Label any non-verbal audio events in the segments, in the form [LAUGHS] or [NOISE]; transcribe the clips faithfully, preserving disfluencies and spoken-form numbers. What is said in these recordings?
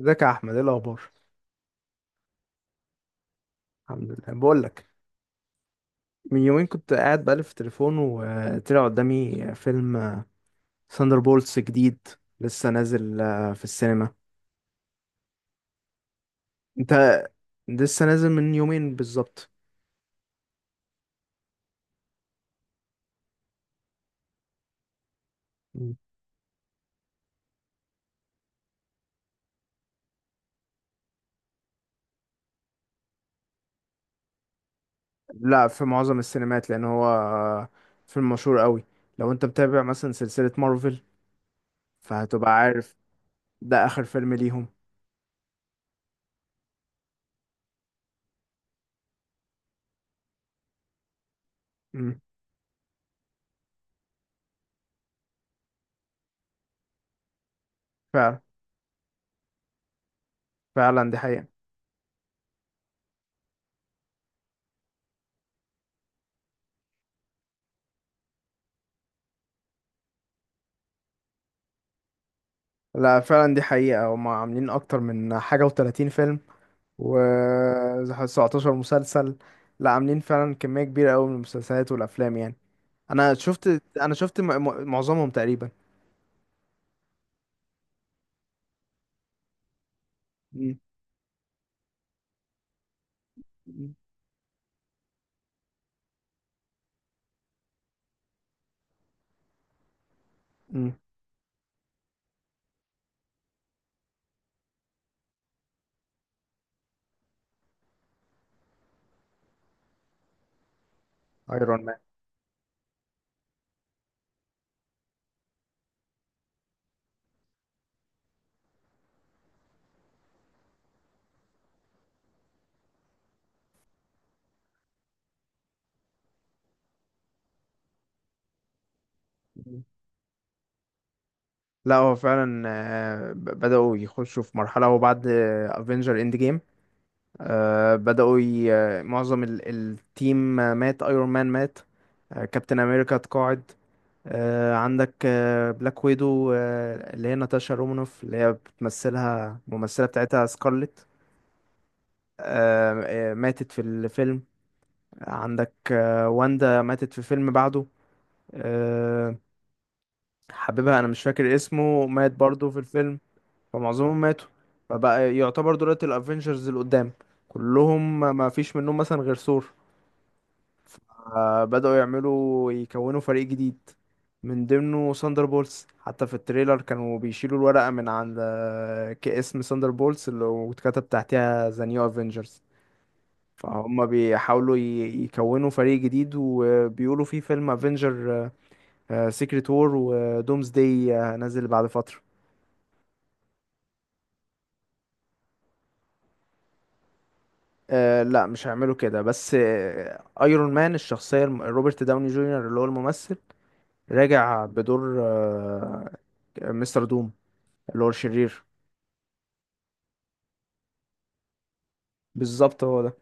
ازيك يا احمد، ايه الاخبار؟ الحمد لله، بقول لك. من يومين كنت قاعد بقلب في تليفون وطلع قدامي فيلم ثاندر بولتس جديد. لسه نازل آه، في السينما. انت. لسه نازل من يومين بالظبط. مم. لا في معظم السينمات لان هو آه، فيلم مشهور قوي. لو انت متابع مثلا سلسلة مارفل فهتبقى عارف. ده اخر فيلم ليهم. مم، فعلا. فعلا دي حقيقة. لا فعلا دي حقيقة، هما عاملين اكتر من حاجة و30 فيلم و17 مسلسل. لا عاملين فعلا كمية كبيرة قوي من المسلسلات والأفلام يعني. أنا شفت أنا شفت م- م- معظمهم تقريبا. مم. مم. مم. ايرون مان. مم. لا هو فعلا آه، ب- بدأوا يخشوا في مرحلة، وبعد افنجر اند جيم بدأوا ي... آه، معظم ال... التيم آه، مات. ايرون مان مات. آه، كابتن امريكا اتقاعد. آه، عندك آه، بلاك ويدو، آه، اللي هي ناتاشا رومانوف، اللي هي بتمثلها الممثلة بتاعتها سكارلت. آه، آه، ماتت في الفيلم. عندك آه، واندا، ماتت في فيلم بعده. آه، حبيبها انا مش فاكر اسمه، مات برضه في الفيلم. فمعظمهم ماتوا. فبقى يعتبر دلوقتي الافينجرز اللي قدام كلهم ما فيش منهم مثلا غير ثور. آه، بدأوا يعملوا يكونوا فريق جديد من ضمنه ساندر بولز. حتى في التريلر كانوا بيشيلوا الورقة من عند آه، كاسم ساندر بولز اللي واتكتب تحتها ذا نيو افينجرز. فهم بيحاولوا ي- يكونوا فريق جديد، وبيقولوا في فيلم افنجر سيكريت وور ودومز داي نازل بعد فترة. آه، لا مش هيعملوا كده. بس ايرون مان الشخصية الم- روبرت داوني جونيور اللي هو الممثل راجع بدور آه، مستر دوم، اللي هو الشرير. بالظبط هو ده.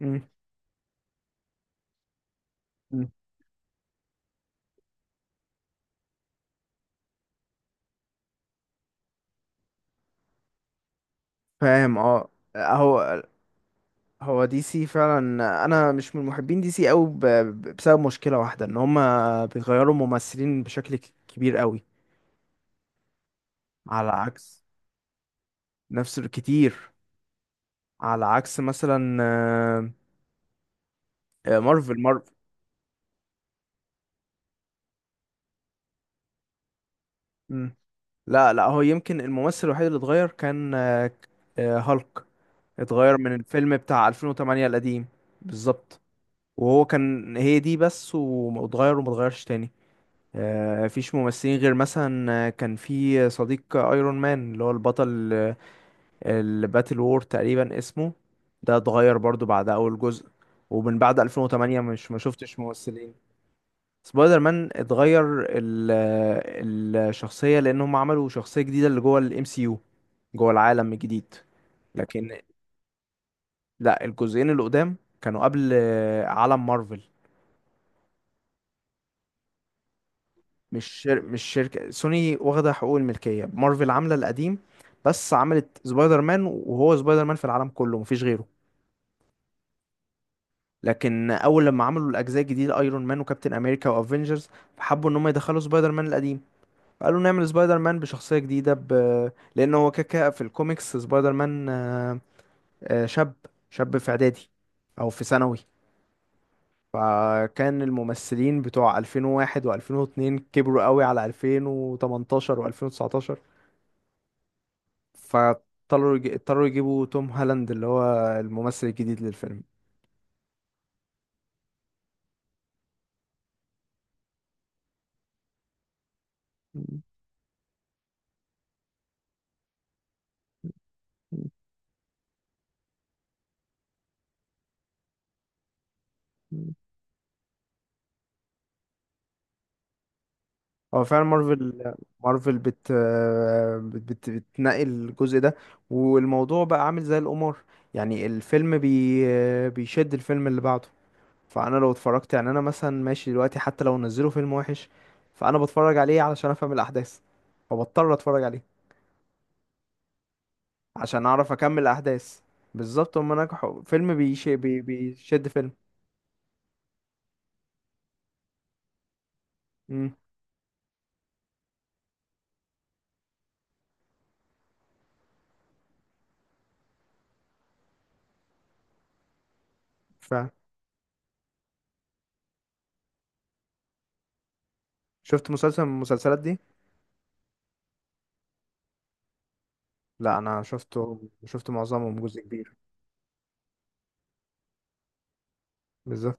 مم. مم. فاهم، اه. اهو. هو دي سي فعلا. انا مش من محبين دي سي قوي، بسبب مشكله واحده ان هما بيغيروا ممثلين بشكل ك- كبير قوي. على عكس نفس الكتير. على عكس مثلا آه، آه، مارفل. مارفل. مم. لا لا، هو يمكن الممثل الوحيد اللي اتغير كان آه، هالك. اتغير من الفيلم بتاع ألفين وثمانية القديم. بالظبط. وهو كان هي دي بس، واتغير وما اتغيرش تاني. آه، فيش ممثلين غير مثلا آه، كان في صديق ايرون مان اللي هو البطل آه، الباتل وور تقريبا اسمه. ده اتغير برضو بعد اول جزء. ومن بعد ألفين وثمانية مش ما شفتش ممثلين. سبايدر مان اتغير ال آه، الشخصية، لان هم عملوا شخصية جديدة اللي جوه الام سي يو، جوه العالم الجديد. لكن لا، الجزئين اللي قدام كانوا قبل آه، عالم مارفل. مش شر... مش شركة سوني واخدة حقوق الملكية مارفل عاملة القديم، بس عملت سبايدر مان وهو سبايدر مان في العالم كله مفيش غيره. لكن اول لما عملوا الاجزاء الجديدة ايرون مان وكابتن امريكا وافنجرز، فحبوا ان هم يدخلوا سبايدر مان القديم. فقالوا نعمل سبايدر مان بشخصية جديدة ب... لان هو كاكا في الكوميكس سبايدر مان آه، آه، شاب. شاب في اعدادي او في ثانوي. فكان الممثلين بتوع ألفين وواحد و2002 كبروا قوي على ألفين وتمنتاشر و2019. فاضطروا يج- اضطروا يجيبوا توم هالاند اللي هو الممثل الجديد للفيلم. هو فعلا مارفل. مارفل بت بت بت بتنقي الجزء ده، والموضوع بقى عامل زي القمار. يعني الفيلم بي بيشد الفيلم اللي بعده. فانا لو اتفرجت يعني، انا مثلا ماشي دلوقتي، حتى لو نزلوا فيلم وحش فانا بتفرج عليه علشان افهم الاحداث، فبضطر اتفرج عليه عشان اعرف اكمل الاحداث. بالظبط، هما نجحوا. فيلم بيش بي بيشد فيلم. امم فعلا. شفت مسلسل من المسلسلات دي؟ لا انا شفته، شفت معظمهم جزء كبير. بالظبط.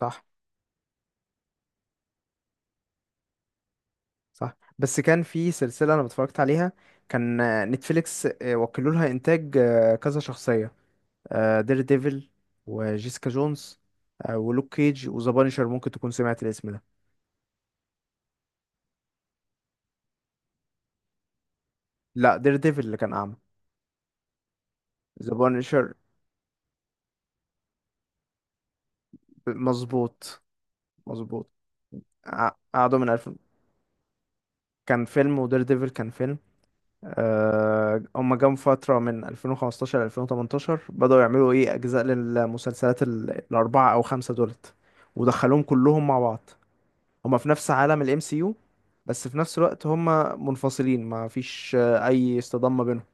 صح، صح. بس كان في سلسله انا اتفرجت عليها، كان آه، نتفليكس آه، وكلوا لها انتاج آه، كذا شخصيه: دير ديفل وجيسيكا جونز، آه، ولوك كيج وذا بانشر. ممكن تكون سمعت الاسم ده. لا دير ديفل اللي كان اعمى. ذا بانشر. مظبوط، مظبوط. قع- قعدوا من الف. كان فيلم، ودير ديفل كان فيلم. آه، هما جم فترة من ألفين وخمستاشر ل ألفين وتمنتاشر بدأوا يعملوا ايه أجزاء للمسلسلات ال- الأربعة أو خمسة دولت، ودخلوهم كلهم مع بعض. هما في نفس عالم ال إم سي يو، بس في نفس الوقت هما منفصلين ما فيش آه، أي اصطدام ما بينهم.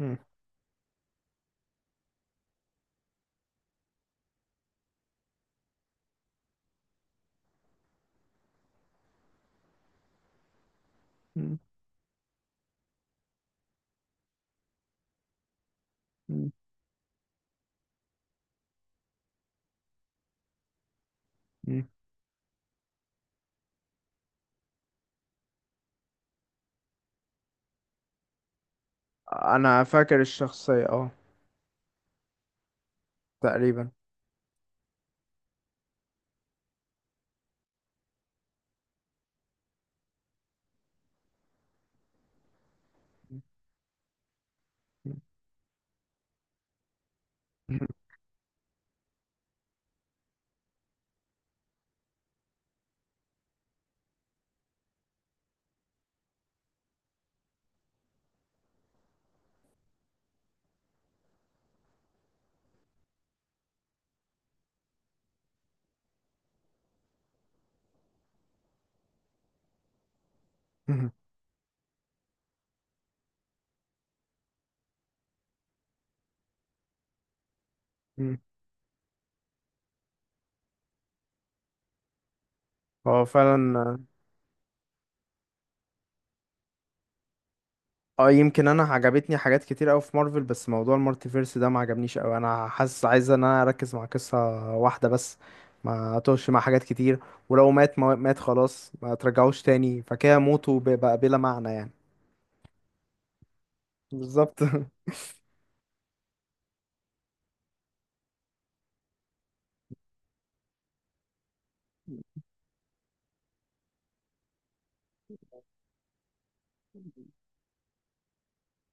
مم. مم. مم. مم. أنا فاكر الشخصية، اه. تقريبا. مم. مم. مم. هو فعلا. اه يمكن انا عجبتني حاجات كتير قوي في مارفل، بس موضوع المالتيفيرس ده ما عجبنيش قوي. انا حاسس عايز ان انا اركز مع قصة واحدة بس، ما اتوش مع حاجات كتير. ولو مات ما مات خلاص ما ترجعوش تاني، فكده موته ب- بقى بلا معنى يعني. بالظبط. [LAUGHS]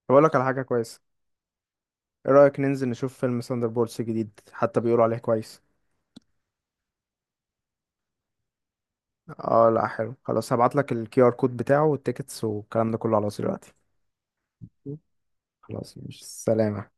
بقول لك على حاجة كويسة. ايه رأيك ننزل نشوف فيلم بولس جديد؟ حتى بيقولوا عليه كويس. اه لا، حلو. خلاص هبعت لك الكي ار كود بتاعه والتيكتس والكلام ده كله على طول دلوقتي. خلاص، مش سلامة.